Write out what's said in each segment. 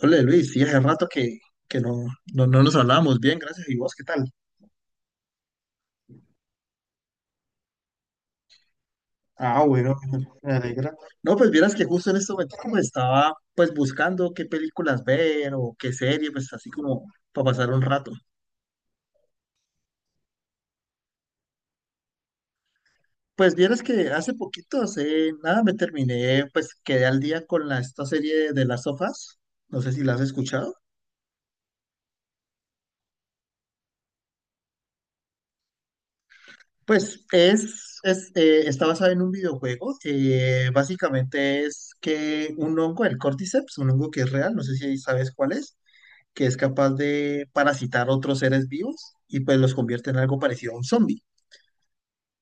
Hola Luis, sí, hace rato que no, no nos hablábamos bien, gracias. ¿Y vos qué tal? Ah, bueno, me alegra. No, pues vieras que justo en este momento como estaba pues buscando qué películas ver o qué serie, pues así como para pasar un rato. Pues vieras que hace poquito, hace nada, me terminé, pues quedé al día con la, esta serie de las sofás. No sé si la has escuchado. Pues es, está basado en un videojuego. Básicamente es que un hongo, el Cordyceps, un hongo que es real, no sé si sabes cuál es, que es capaz de parasitar otros seres vivos y pues los convierte en algo parecido a un zombie.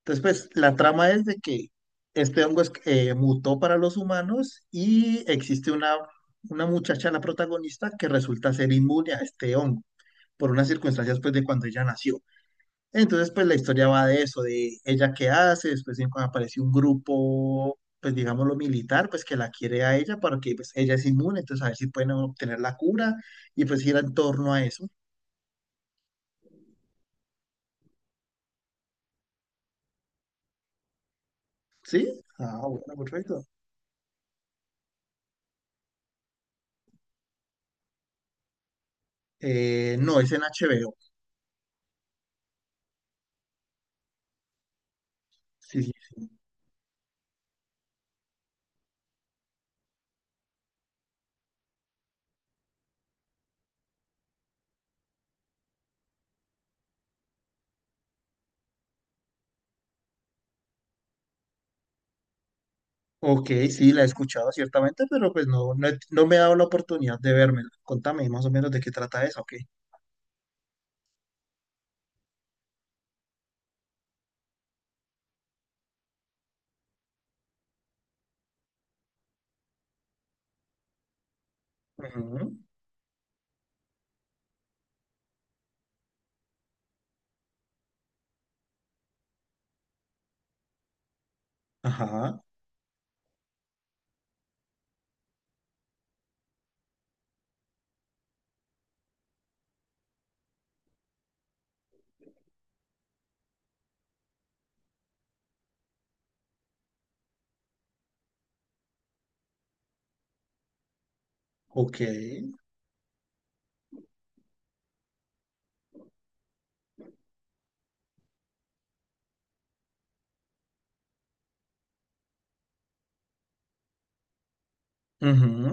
Entonces, pues la trama es de que este hongo mutó para los humanos y existe una muchacha, la protagonista, que resulta ser inmune a este hongo por unas circunstancias pues de cuando ella nació. Entonces, pues la historia va de eso, de ella qué hace, cuando aparece un grupo, pues digámoslo militar, pues que la quiere a ella porque pues ella es inmune, entonces a ver si pueden obtener la cura y pues ir en torno a eso. ¿Sí? Ah, bueno, perfecto. No, es en HBO. Sí, sí. Ok, sí, la he escuchado ciertamente, pero pues no me he dado la oportunidad de vérmela. Contame más o menos de qué trata eso, ok. Ujú. Ajá, ok, ujú.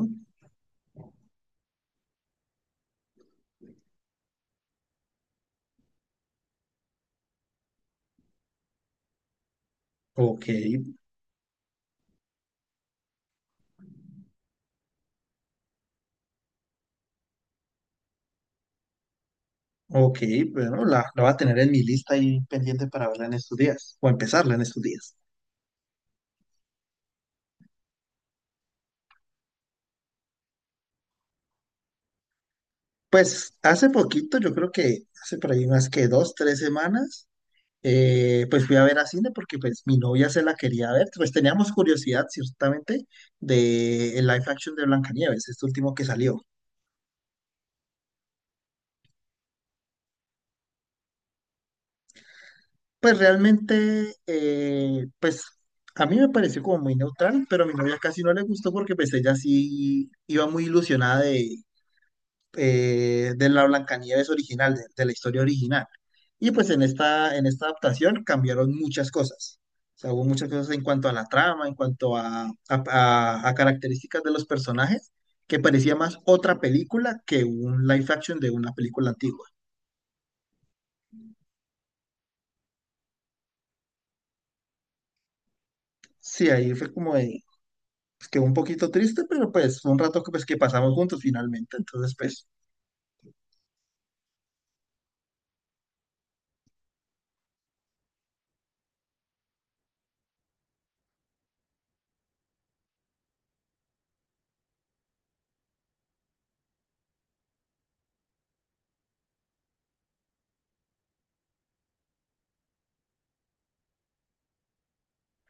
Ok. Ok, bueno, la voy a tener en mi lista ahí pendiente para verla en estos días, o empezarla en estos días. Pues hace poquito, yo creo que hace por ahí unas que dos, tres semanas, pues fui a ver a cine porque pues mi novia se la quería ver, pues teníamos curiosidad ciertamente de el live action de Blancanieves, este último que salió. Pues realmente, pues a mí me pareció como muy neutral, pero a mi novia casi no le gustó porque pues ella sí iba muy ilusionada de la Blancanieves original, de la historia original. Y pues en esta adaptación cambiaron muchas cosas. O sea, hubo muchas cosas en cuanto a la trama, en cuanto a, a características de los personajes, que parecía más otra película que un live action de una película antigua. Sí, ahí fue como de, pues, quedó un poquito triste, pero pues fue un rato que, pues, que pasamos juntos finalmente. Entonces, pues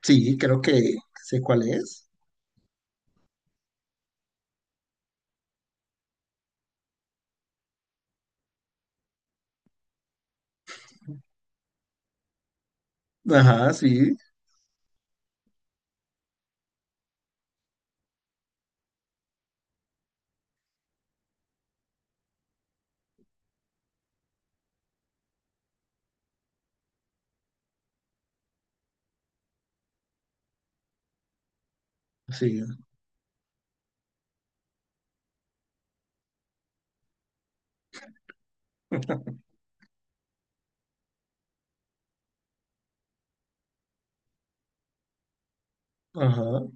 sí, creo que sé cuál es. Ajá, sí, sí, ajá.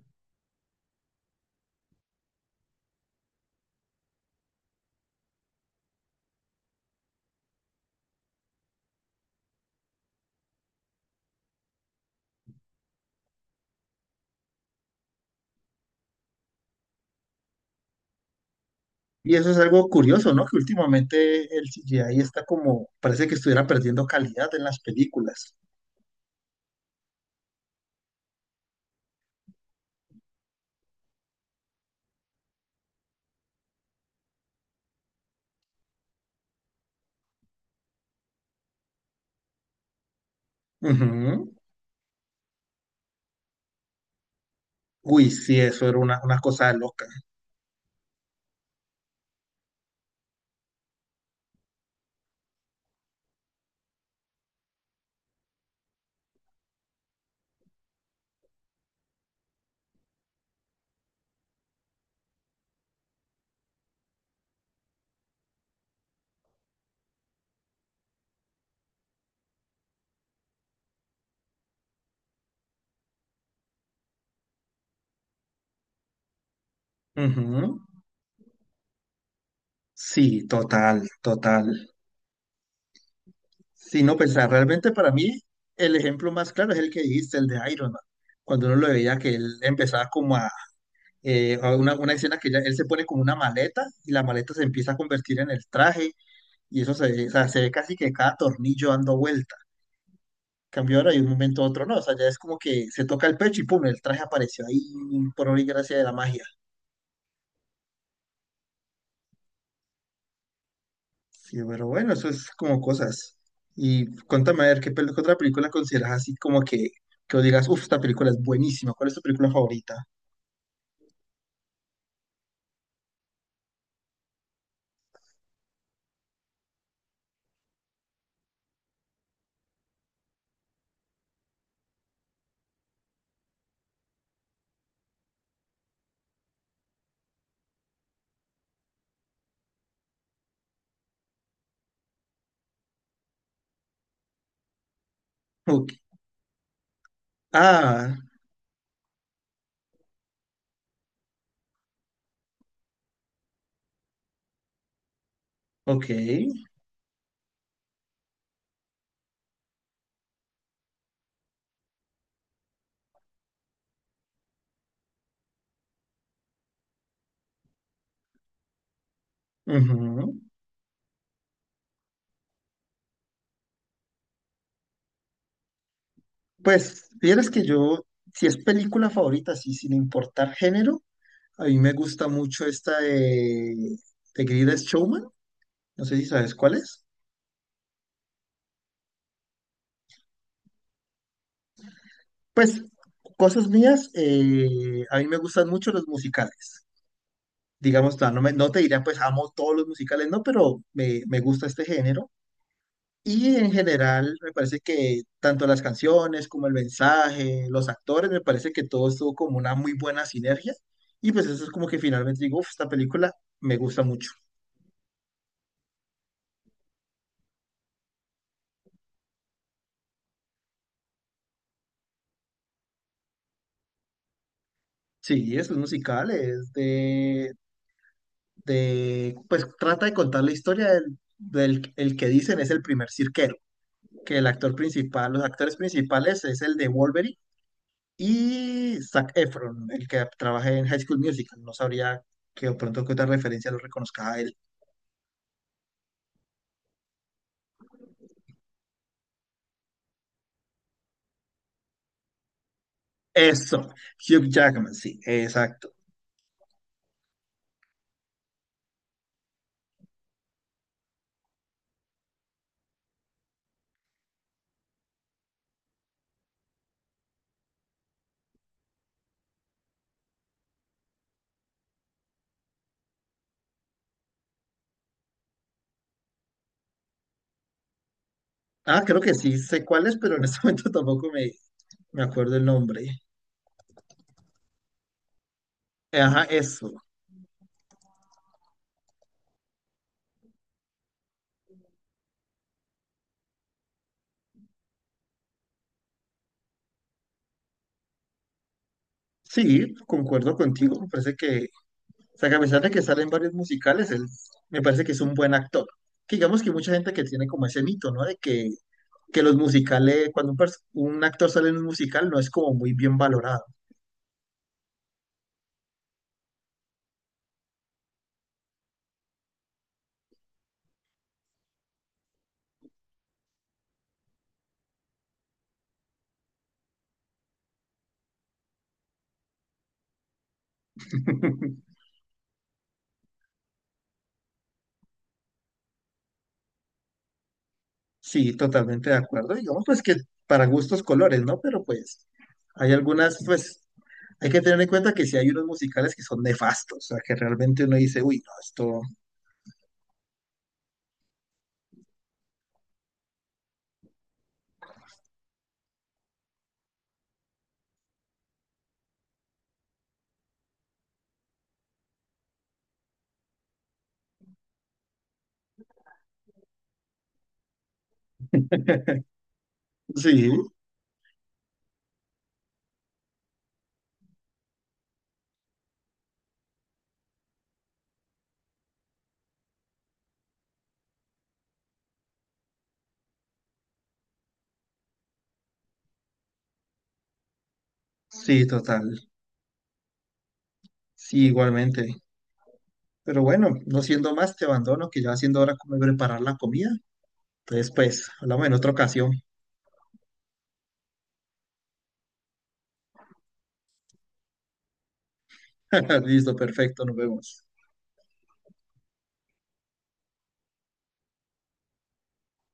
Y eso es algo curioso, ¿no? Que últimamente el CGI está como, parece que estuviera perdiendo calidad en las películas. Ujú. Uy, sí, eso era una cosa loca. Ujú. Sí, total, total. Sí, no, pues realmente para mí el ejemplo más claro es el que dijiste, el de Iron Man. Cuando uno lo veía que él empezaba como a una escena que ya, él se pone como una maleta y la maleta se empieza a convertir en el traje y o sea, se ve casi que cada tornillo dando vuelta. Cambió ahora y de un momento a otro no. O sea, ya es como que se toca el pecho y pum, el traje apareció ahí por obra y gracia de la magia. Sí, pero bueno, eso es como cosas. Y cuéntame a ver, ¿ qué otra película consideras así como que vos digas, uff, ¿esta película es buenísima? ¿Cuál es tu película favorita? Ok. Ah, ok, ujú. Pues, vieras que yo, si es película favorita, sí, sin importar género, a mí me gusta mucho esta de Greatest Showman. No sé si sabes cuál es. Pues cosas mías, a mí me gustan mucho los musicales. Digamos, no te diría, pues amo todos los musicales, no, pero me gusta este género. Y en general, me parece que tanto las canciones como el mensaje, los actores, me parece que todo estuvo como una muy buena sinergia. Y pues eso es como que finalmente digo, "Uf, esta película me gusta mucho." Sí, es un musical, es de, pues trata de contar la historia del, del el que dicen es el primer cirquero que el actor principal, los actores principales es el de Wolverine y Zac Efron, el que trabaja en High School Musical. No sabría que de pronto que otra referencia lo reconozca a él. Eso, Hugh Jackman, sí, exacto. Ah, creo que sí sé cuál es, pero en este momento tampoco me, me acuerdo el nombre. Ajá, eso. Sí, concuerdo contigo. Me parece que, o sea, que a pesar de que sale en varios musicales, él me parece que es un buen actor. Que digamos que hay mucha gente que tiene como ese mito, ¿no? De Que los musicales, cuando un actor sale en un musical, no es como muy bien valorado. Sí, totalmente de acuerdo. Digamos, pues que para gustos colores, ¿no? Pero pues hay algunas, pues hay que tener en cuenta que si hay unos musicales que son nefastos, o sea, que realmente uno dice, uy, no, esto... Sí, sí, total. Sí, igualmente. Pero bueno, no siendo más, te abandono, que ya va siendo hora como de preparar la comida. Entonces, pues, hablamos en otra ocasión. Listo, perfecto, nos vemos.